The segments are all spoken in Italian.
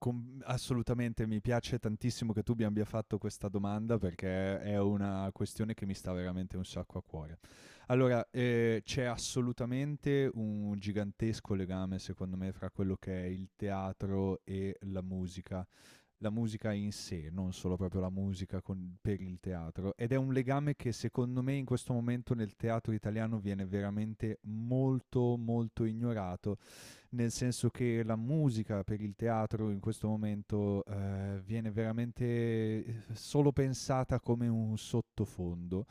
Assolutamente, mi piace tantissimo che tu mi abbia fatto questa domanda perché è una questione che mi sta veramente un sacco a cuore. Allora, c'è assolutamente un gigantesco legame, secondo me, fra quello che è il teatro e la musica. La musica in sé, non solo proprio la per il teatro. Ed è un legame che secondo me in questo momento nel teatro italiano viene veramente molto ignorato, nel senso che la musica per il teatro in questo momento viene veramente solo pensata come un sottofondo,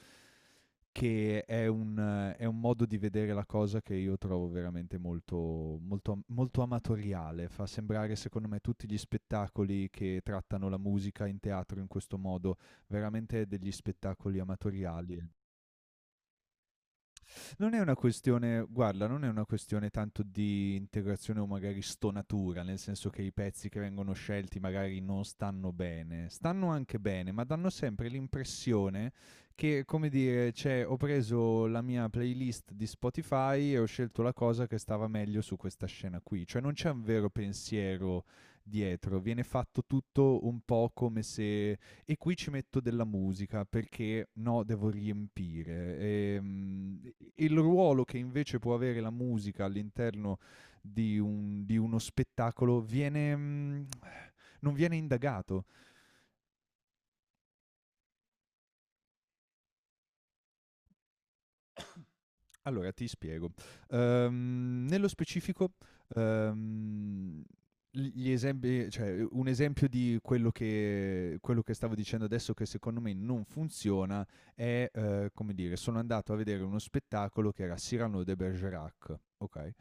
che è un modo di vedere la cosa che io trovo veramente molto amatoriale. Fa sembrare, secondo me, tutti gli spettacoli che trattano la musica in teatro in questo modo veramente degli spettacoli amatoriali. Non è una questione, guarda, non è una questione tanto di integrazione o magari stonatura, nel senso che i pezzi che vengono scelti magari non stanno bene. Stanno anche bene, ma danno sempre l'impressione che, come dire, cioè ho preso la mia playlist di Spotify e ho scelto la cosa che stava meglio su questa scena qui. Cioè non c'è un vero pensiero dietro, viene fatto tutto un po' come se e qui ci metto della musica perché no, devo riempire. Il ruolo che invece può avere la musica all'interno di uno spettacolo viene, non viene indagato. Allora ti spiego. Nello specifico, ehm, gli esempi, cioè, un esempio di quello che stavo dicendo adesso che secondo me non funziona è, come dire, sono andato a vedere uno spettacolo che era Cyrano de Bergerac, ok?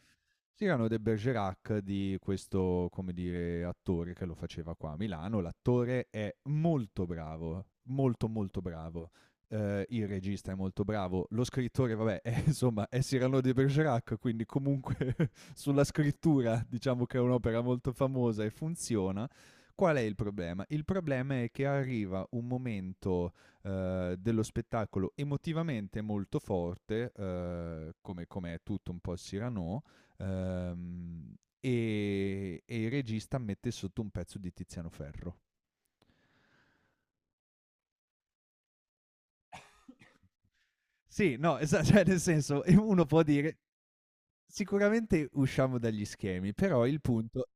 Sì, erano de Bergerac di questo, come dire, attore che lo faceva qua a Milano. L'attore è molto bravo, molto bravo. Il regista è molto bravo, lo scrittore, vabbè, è, insomma, è Cyrano de Bergerac, quindi comunque sulla scrittura diciamo che è un'opera molto famosa e funziona. Qual è il problema? Il problema è che arriva un momento dello spettacolo emotivamente molto forte, come è tutto un po' il Cyrano. Ehm, e il regista mette sotto un pezzo di Tiziano Ferro. Sì, no, esa cioè nel senso, e uno può dire: "Sicuramente usciamo dagli schemi", però il punto...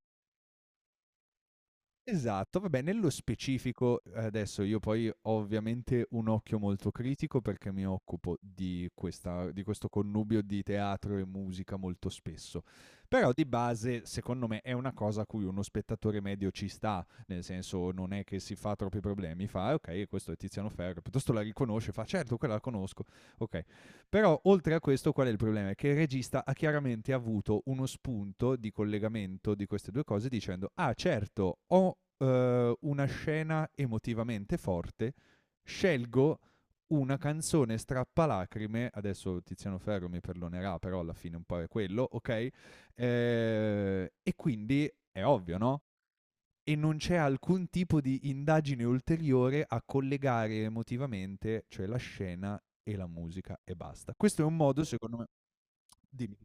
Esatto, vabbè, nello specifico adesso io poi ho ovviamente un occhio molto critico perché mi occupo di questo connubio di teatro e musica molto spesso. Però di base secondo me è una cosa a cui uno spettatore medio ci sta, nel senso non è che si fa troppi problemi, fa: "Ah okay, questo è Tiziano Ferro", piuttosto la riconosce, fa: "Certo, quella la conosco". Okay. Però oltre a questo qual è il problema? È che il regista ha chiaramente avuto uno spunto di collegamento di queste due cose dicendo ah certo ho una scena emotivamente forte, scelgo una canzone strappalacrime, adesso Tiziano Ferro mi perdonerà però alla fine un po' è quello, ok? E quindi è ovvio, no? E non c'è alcun tipo di indagine ulteriore a collegare emotivamente, cioè la scena e la musica e basta. Questo è un modo, secondo me... Dimmi.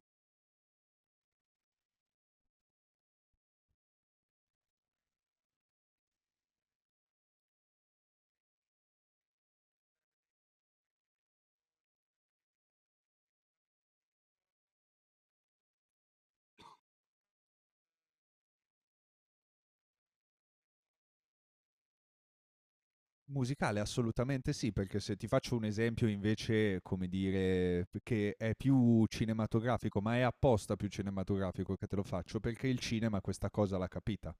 Musicale assolutamente sì, perché se ti faccio un esempio invece, come dire, che è più cinematografico, ma è apposta più cinematografico che te lo faccio, perché il cinema questa cosa l'ha capita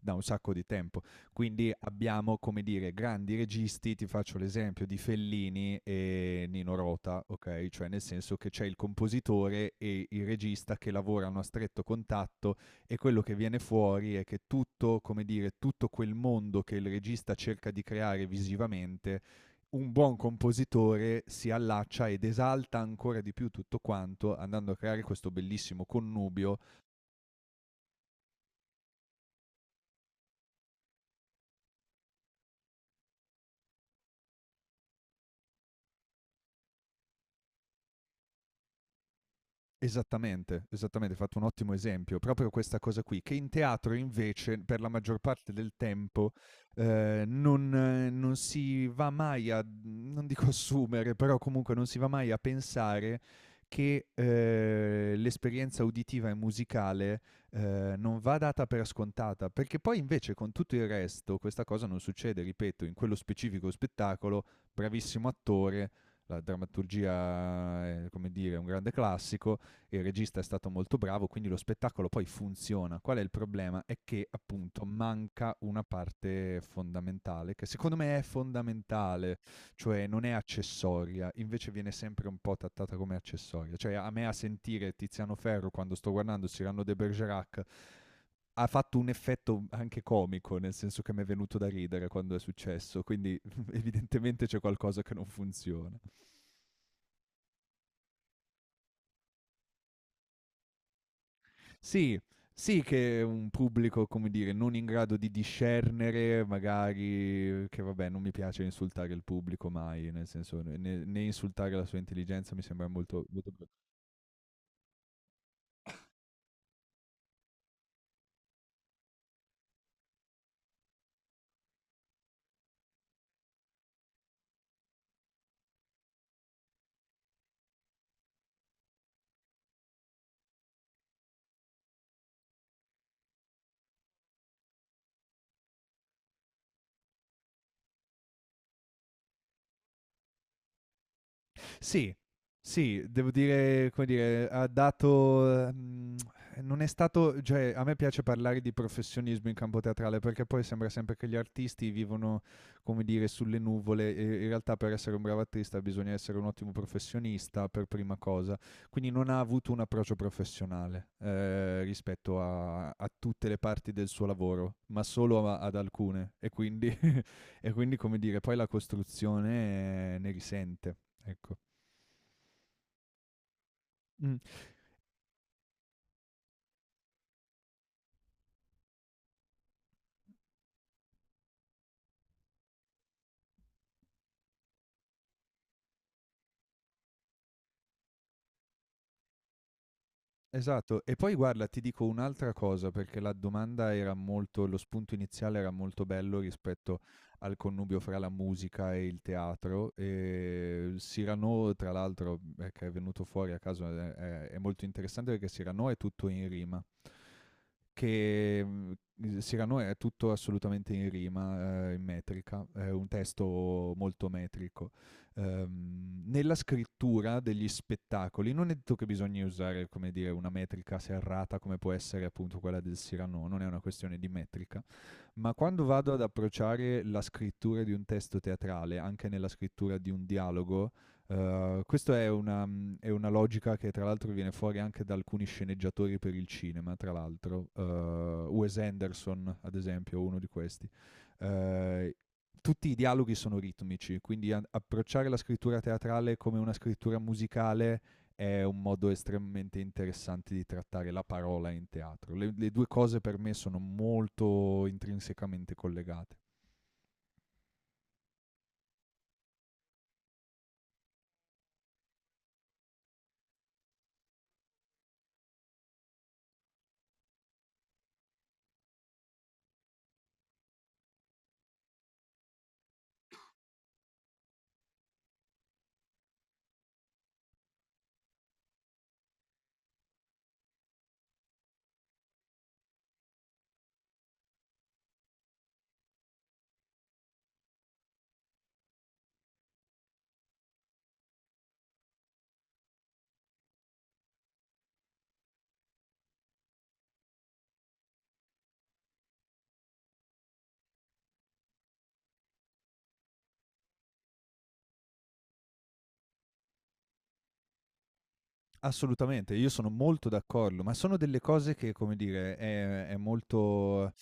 da un sacco di tempo. Quindi abbiamo, come dire, grandi registi, ti faccio l'esempio di Fellini e Nino Rota, ok? Cioè nel senso che c'è il compositore e il regista che lavorano a stretto contatto e quello che viene fuori è che tutto, come dire, tutto quel mondo che il regista cerca di creare visivamente, un buon compositore si allaccia ed esalta ancora di più tutto quanto andando a creare questo bellissimo connubio. Esattamente, esattamente, hai fatto un ottimo esempio. Proprio questa cosa qui, che in teatro invece per la maggior parte del tempo, non si va mai a non dico assumere, però comunque non si va mai a pensare che, l'esperienza uditiva e musicale non va data per scontata, perché poi invece con tutto il resto questa cosa non succede, ripeto, in quello specifico spettacolo, bravissimo attore, la drammaturgia è, come dire, un grande classico, il regista è stato molto bravo, quindi lo spettacolo poi funziona. Qual è il problema? È che appunto manca una parte fondamentale, che secondo me è fondamentale, cioè non è accessoria, invece viene sempre un po' trattata come accessoria. Cioè a me a sentire Tiziano Ferro quando sto guardando Cyrano de Bergerac ha fatto un effetto anche comico, nel senso che mi è venuto da ridere quando è successo, quindi evidentemente c'è qualcosa che non funziona. Sì, sì, che è un pubblico, come dire, non in grado di discernere, magari, che vabbè, non mi piace insultare il pubblico mai, nel senso, né insultare la sua intelligenza mi sembra molto, molto... Sì, sì, devo dire, come dire, ha dato, non è stato... cioè a me piace parlare di professionismo in campo teatrale, perché poi sembra sempre che gli artisti vivono, come dire, sulle nuvole e in realtà per essere un bravo artista bisogna essere un ottimo professionista per prima cosa. Quindi non ha avuto un approccio professionale, rispetto a tutte le parti del suo lavoro, ma solo a ad alcune e quindi e quindi, come dire, poi la costruzione ne risente. Ecco. Mm, esatto, e poi guarda, ti dico un'altra cosa perché la domanda era molto, lo spunto iniziale era molto bello rispetto al connubio fra la musica e il teatro. E Cyrano, tra l'altro, che è venuto fuori a caso, è molto interessante perché Cyrano è tutto in rima. Che mm, Cyrano è tutto assolutamente in rima, in metrica, è un testo molto metrico. Nella scrittura degli spettacoli non è detto che bisogna usare, come dire, una metrica serrata come può essere appunto quella del Cyrano, non è una questione di metrica, ma quando vado ad approcciare la scrittura di un testo teatrale, anche nella scrittura di un dialogo, questa è una logica che tra l'altro viene fuori anche da alcuni sceneggiatori per il cinema, tra l'altro. Wes Anderson, ad esempio, è uno di questi. Eh, Tutti i dialoghi sono ritmici, quindi approcciare la scrittura teatrale come una scrittura musicale è un modo estremamente interessante di trattare la parola in teatro. Le due cose per me sono molto intrinsecamente collegate. Assolutamente, io sono molto d'accordo, ma sono delle cose che, come dire,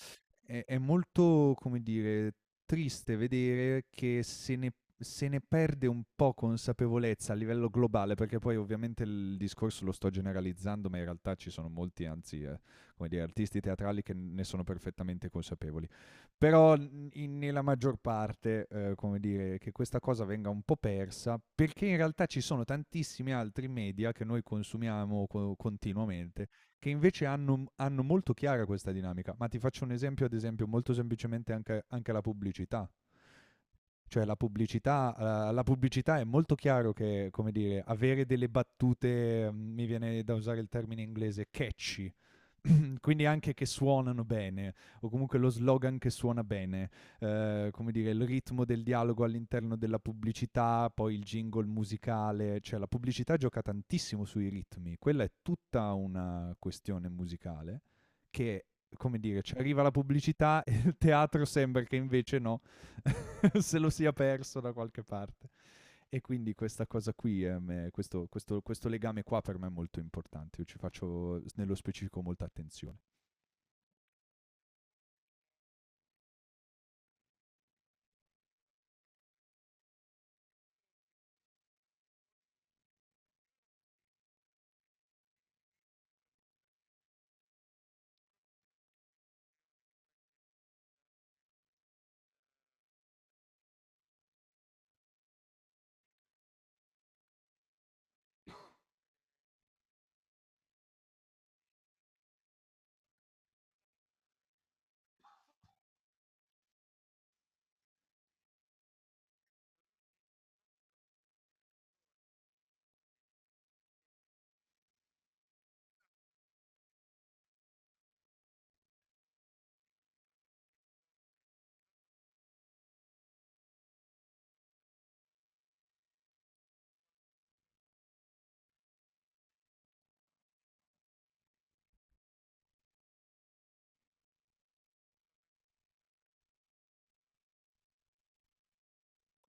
è molto, come dire, triste vedere che se ne se ne perde un po' consapevolezza a livello globale, perché poi ovviamente il discorso lo sto generalizzando, ma in realtà ci sono molti, anzi, come dire, artisti teatrali che ne sono perfettamente consapevoli. Però nella maggior parte, come dire, che questa cosa venga un po' persa, perché in realtà ci sono tantissimi altri media che noi consumiamo continuamente, che invece hanno molto chiara questa dinamica. Ma ti faccio un esempio, ad esempio, molto semplicemente anche la pubblicità. Cioè la pubblicità è molto chiaro che, come dire, avere delle battute, mi viene da usare il termine inglese, catchy, quindi anche che suonano bene, o comunque lo slogan che suona bene, come dire, il ritmo del dialogo all'interno della pubblicità, poi il jingle musicale, cioè la pubblicità gioca tantissimo sui ritmi, quella è tutta una questione musicale che, come dire, ci arriva la pubblicità e il teatro sembra che invece no, se lo sia perso da qualche parte. E quindi questa cosa qui, questo legame qua per me è molto importante, io ci faccio nello specifico molta attenzione.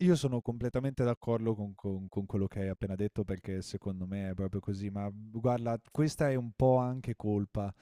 Io sono completamente d'accordo con quello che hai appena detto perché secondo me è proprio così, ma guarda, questa è un po' anche colpa,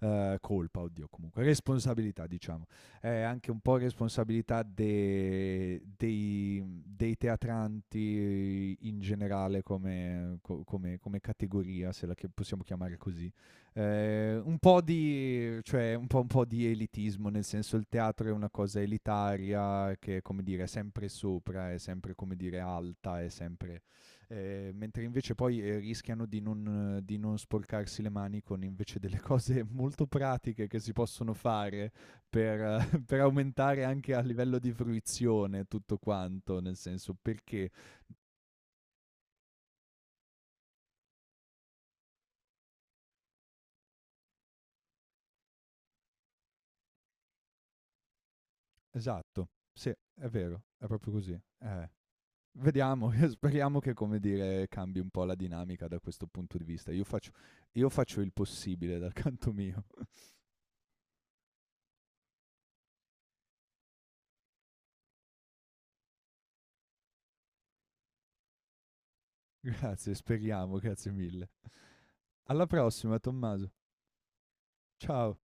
colpa, oddio, comunque, responsabilità diciamo, è anche un po' responsabilità dei teatranti in generale come, come categoria, se la possiamo chiamare così. Un po' di cioè un po' di elitismo, nel senso il teatro è una cosa elitaria che, come dire, è sempre sopra, è sempre, come dire, alta, è sempre mentre invece poi, rischiano di non sporcarsi le mani con invece delle cose molto pratiche che si possono fare per per aumentare anche a livello di fruizione tutto quanto, nel senso perché... Esatto, sì, è vero, è proprio così, eh. Vediamo, speriamo che, come dire, cambi un po' la dinamica da questo punto di vista. Io faccio il possibile dal canto mio. Grazie, speriamo, grazie mille. Alla prossima, Tommaso. Ciao.